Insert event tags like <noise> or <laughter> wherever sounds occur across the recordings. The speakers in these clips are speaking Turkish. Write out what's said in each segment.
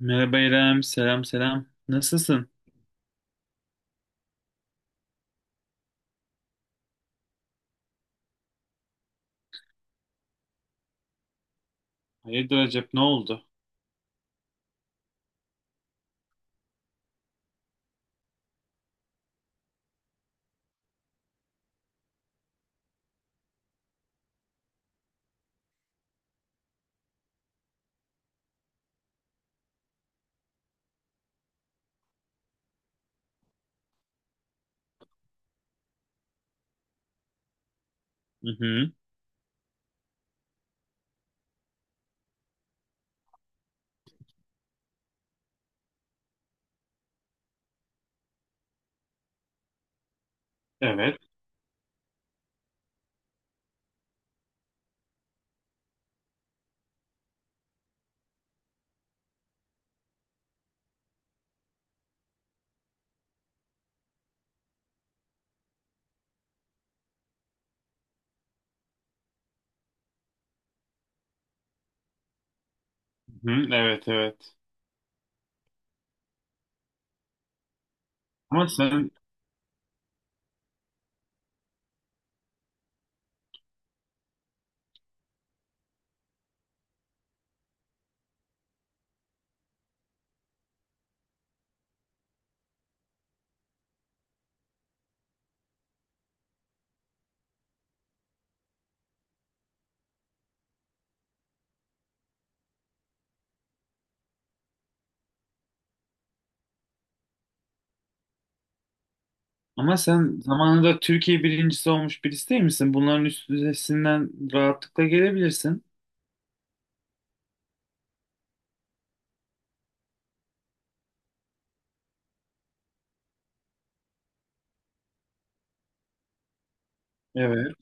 Merhaba İrem, selam selam. Nasılsın? Hayırdır Recep, ne oldu? Hı hı. Evet, hı hı, evet, evet. Ama sen ama sen zamanında Türkiye birincisi olmuş birisi değil misin? Bunların üstesinden rahatlıkla gelebilirsin. Evet,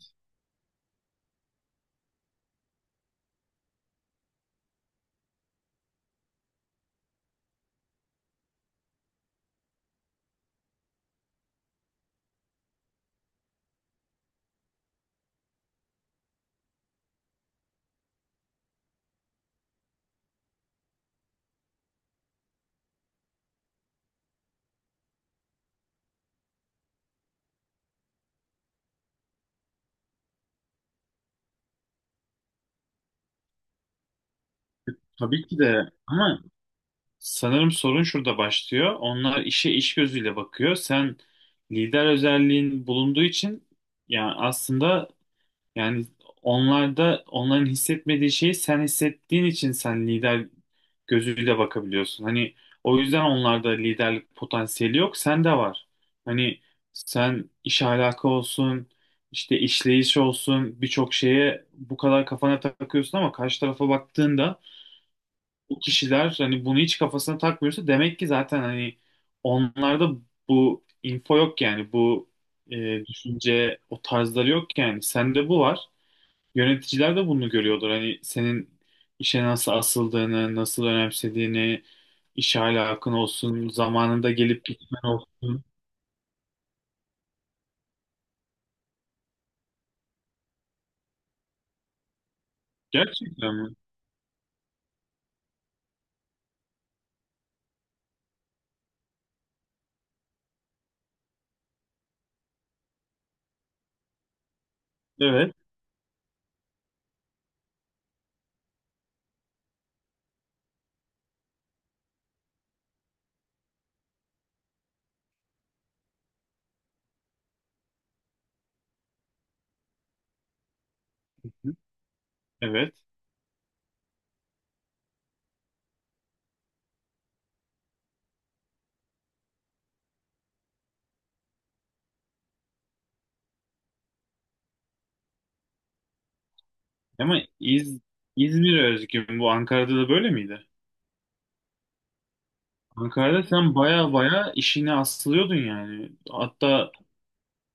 tabii ki de. Ama sanırım sorun şurada başlıyor. Onlar işe iş gözüyle bakıyor. Sen lider özelliğin bulunduğu için yani aslında yani onlarda onların hissetmediği şeyi sen hissettiğin için sen lider gözüyle bakabiliyorsun. Hani o yüzden onlarda liderlik potansiyeli yok, sende var. Hani sen iş ahlakı olsun, işte işleyiş olsun birçok şeye bu kadar kafana takıyorsun ama karşı tarafa baktığında bu kişiler hani bunu hiç kafasına takmıyorsa demek ki zaten hani onlarda bu info yok yani bu düşünce o tarzları yok yani sende bu var. Yöneticiler de bunu görüyordur. Hani senin işe nasıl asıldığını, nasıl önemsediğini, iş ahlakın olsun, zamanında gelip gitmen olsun. Gerçekten mi? Evet. Evet. Ama İz İzmir'e özgü mü bu, Ankara'da da böyle miydi? Ankara'da sen baya baya işine asılıyordun yani. Hatta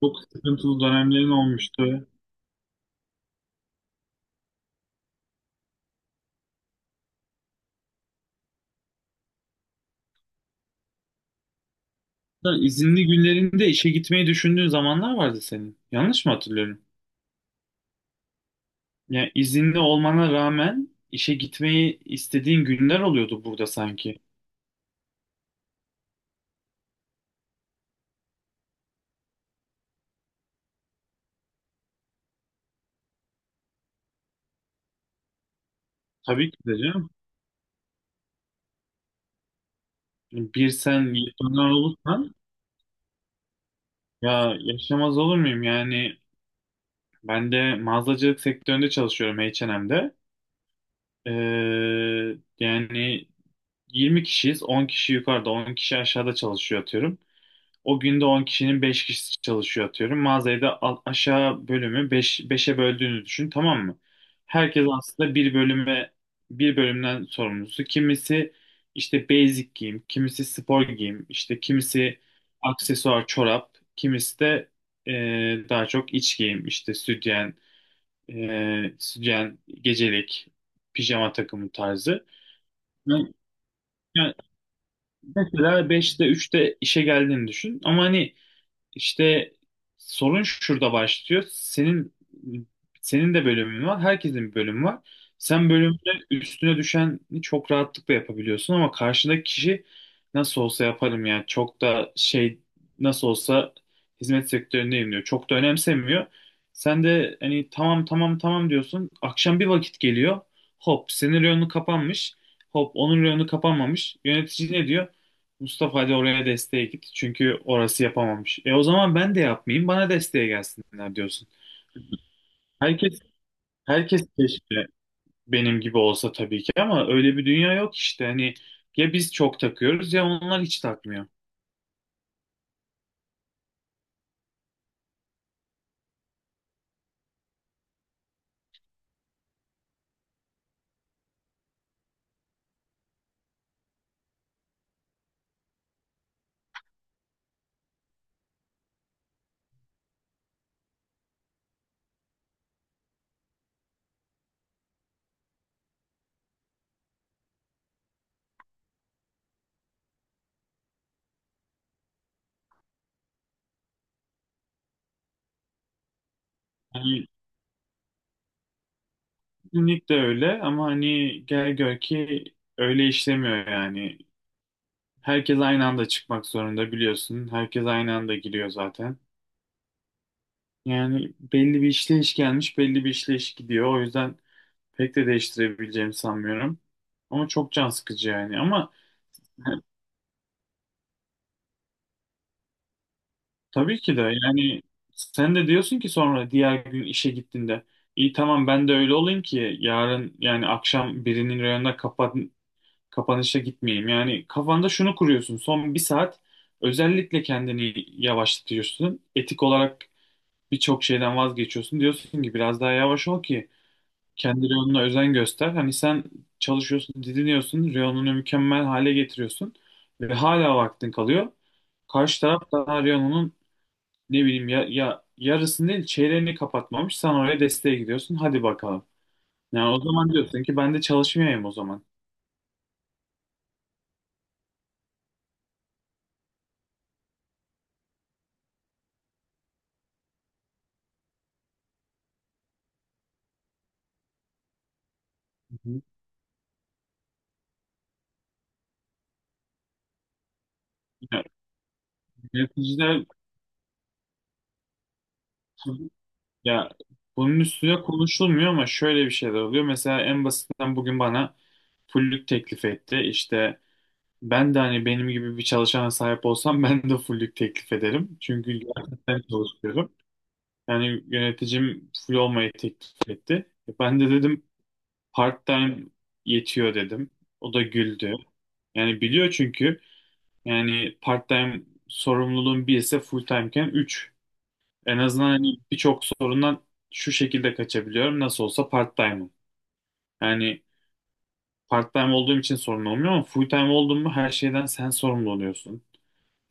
çok sıkıntılı dönemlerin olmuştu. Hatta izinli günlerinde işe gitmeyi düşündüğün zamanlar vardı senin. Yanlış mı hatırlıyorum? Yani izinli olmana rağmen işe gitmeyi istediğin günler oluyordu burada sanki. Tabii ki de canım. Bir sen yetmeler olursan ya yaşamaz olur muyum? Yani ben de mağazacılık sektöründe çalışıyorum H&M'de. Ee, yani 20 kişiyiz. 10 kişi yukarıda, 10 kişi aşağıda çalışıyor atıyorum. O günde 10 kişinin 5 kişisi çalışıyor atıyorum. Mağazayı da aşağı bölümü 5, 5'e böldüğünü düşün, tamam mı? Herkes aslında bir bölümden sorumlusu. Kimisi işte basic giyim, kimisi spor giyim, işte kimisi aksesuar çorap, kimisi de e, daha çok iç giyim, işte sütyen, sütyen, gecelik, pijama takımı tarzı. Yani, yani mesela beşte üçte işe geldiğini düşün ama hani işte sorun şurada başlıyor. Senin de bölümün var, herkesin bir bölümü var. Sen bölümde üstüne düşeni çok rahatlıkla yapabiliyorsun ama karşındaki kişi nasıl olsa yaparım yani çok da şey, nasıl olsa hizmet sektöründeyim diyor. Çok da önemsemiyor. Sen de hani tamam tamam tamam diyorsun. Akşam bir vakit geliyor. Hop senin reyonu kapanmış. Hop onun reyonu kapanmamış. Yönetici ne diyor? Mustafa hadi oraya desteğe git. Çünkü orası yapamamış. E o zaman ben de yapmayayım. Bana desteğe gelsinler diyorsun. Herkes herkes keşke benim gibi olsa tabii ki ama öyle bir dünya yok işte. Hani ya biz çok takıyoruz ya onlar hiç takmıyor. Hani kesinlikle öyle ama hani gel gör ki öyle işlemiyor yani. Herkes aynı anda çıkmak zorunda biliyorsun. Herkes aynı anda giriyor zaten. Yani belli bir işleyiş gelmiş, belli bir işleyiş gidiyor. O yüzden pek de değiştirebileceğimi sanmıyorum. Ama çok can sıkıcı yani. Ama tabii ki de yani sen de diyorsun ki sonra diğer gün işe gittiğinde iyi tamam ben de öyle olayım ki yarın yani akşam birinin reyonuna kapanışa gitmeyeyim. Yani kafanda şunu kuruyorsun son bir saat özellikle kendini yavaşlatıyorsun. Etik olarak birçok şeyden vazgeçiyorsun. Diyorsun ki biraz daha yavaş ol ki kendi reyonuna özen göster. Hani sen çalışıyorsun, didiniyorsun, reyonunu mükemmel hale getiriyorsun ve hala vaktin kalıyor. Karşı taraf daha reyonunun ne bileyim ya, yarısını değil çeyreğini kapatmamış. Sen oraya desteğe gidiyorsun. Hadi bakalım. Yani o zaman diyorsun ki ben de çalışmayayım o zaman. Hı hı. Ya, yöneticiler, ya bunun üstüne konuşulmuyor ama şöyle bir şeyler oluyor. Mesela en basitinden bugün bana fullük teklif etti. İşte ben de hani benim gibi bir çalışana sahip olsam <laughs> ben de full'lük teklif ederim. Çünkü gerçekten çalışıyorum. Yani yöneticim full olmayı teklif etti. Ben de dedim part-time yetiyor dedim. O da güldü. Yani biliyor çünkü yani part-time sorumluluğun bir ise full-time'ken 3. En azından hani birçok sorundan şu şekilde kaçabiliyorum. Nasıl olsa part-time'ım. Yani part-time olduğum için sorun olmuyor ama full-time olduğum mu her şeyden sen sorumlu oluyorsun.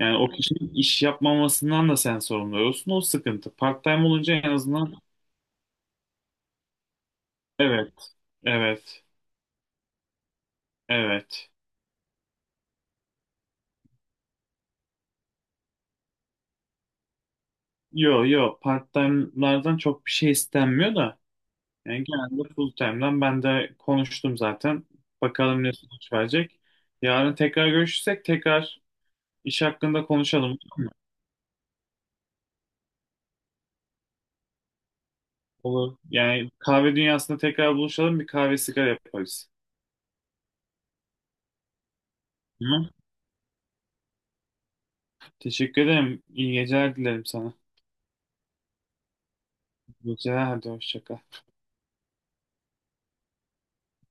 Yani o kişinin iş yapmamasından da sen sorumlu olsun. O sıkıntı. Part-time olunca en azından evet, evet, evet. Yo yo part-time'lardan çok bir şey istenmiyor da. Yani genelde full-time'dan ben de konuştum zaten. Bakalım ne sonuç verecek. Yarın tekrar görüşürsek tekrar iş hakkında konuşalım. Olur. Yani kahve dünyasında tekrar buluşalım. Bir kahve sigara yaparız. Tamam. Teşekkür ederim. İyi geceler dilerim sana. İyi geceler. Hadi hoşça kal.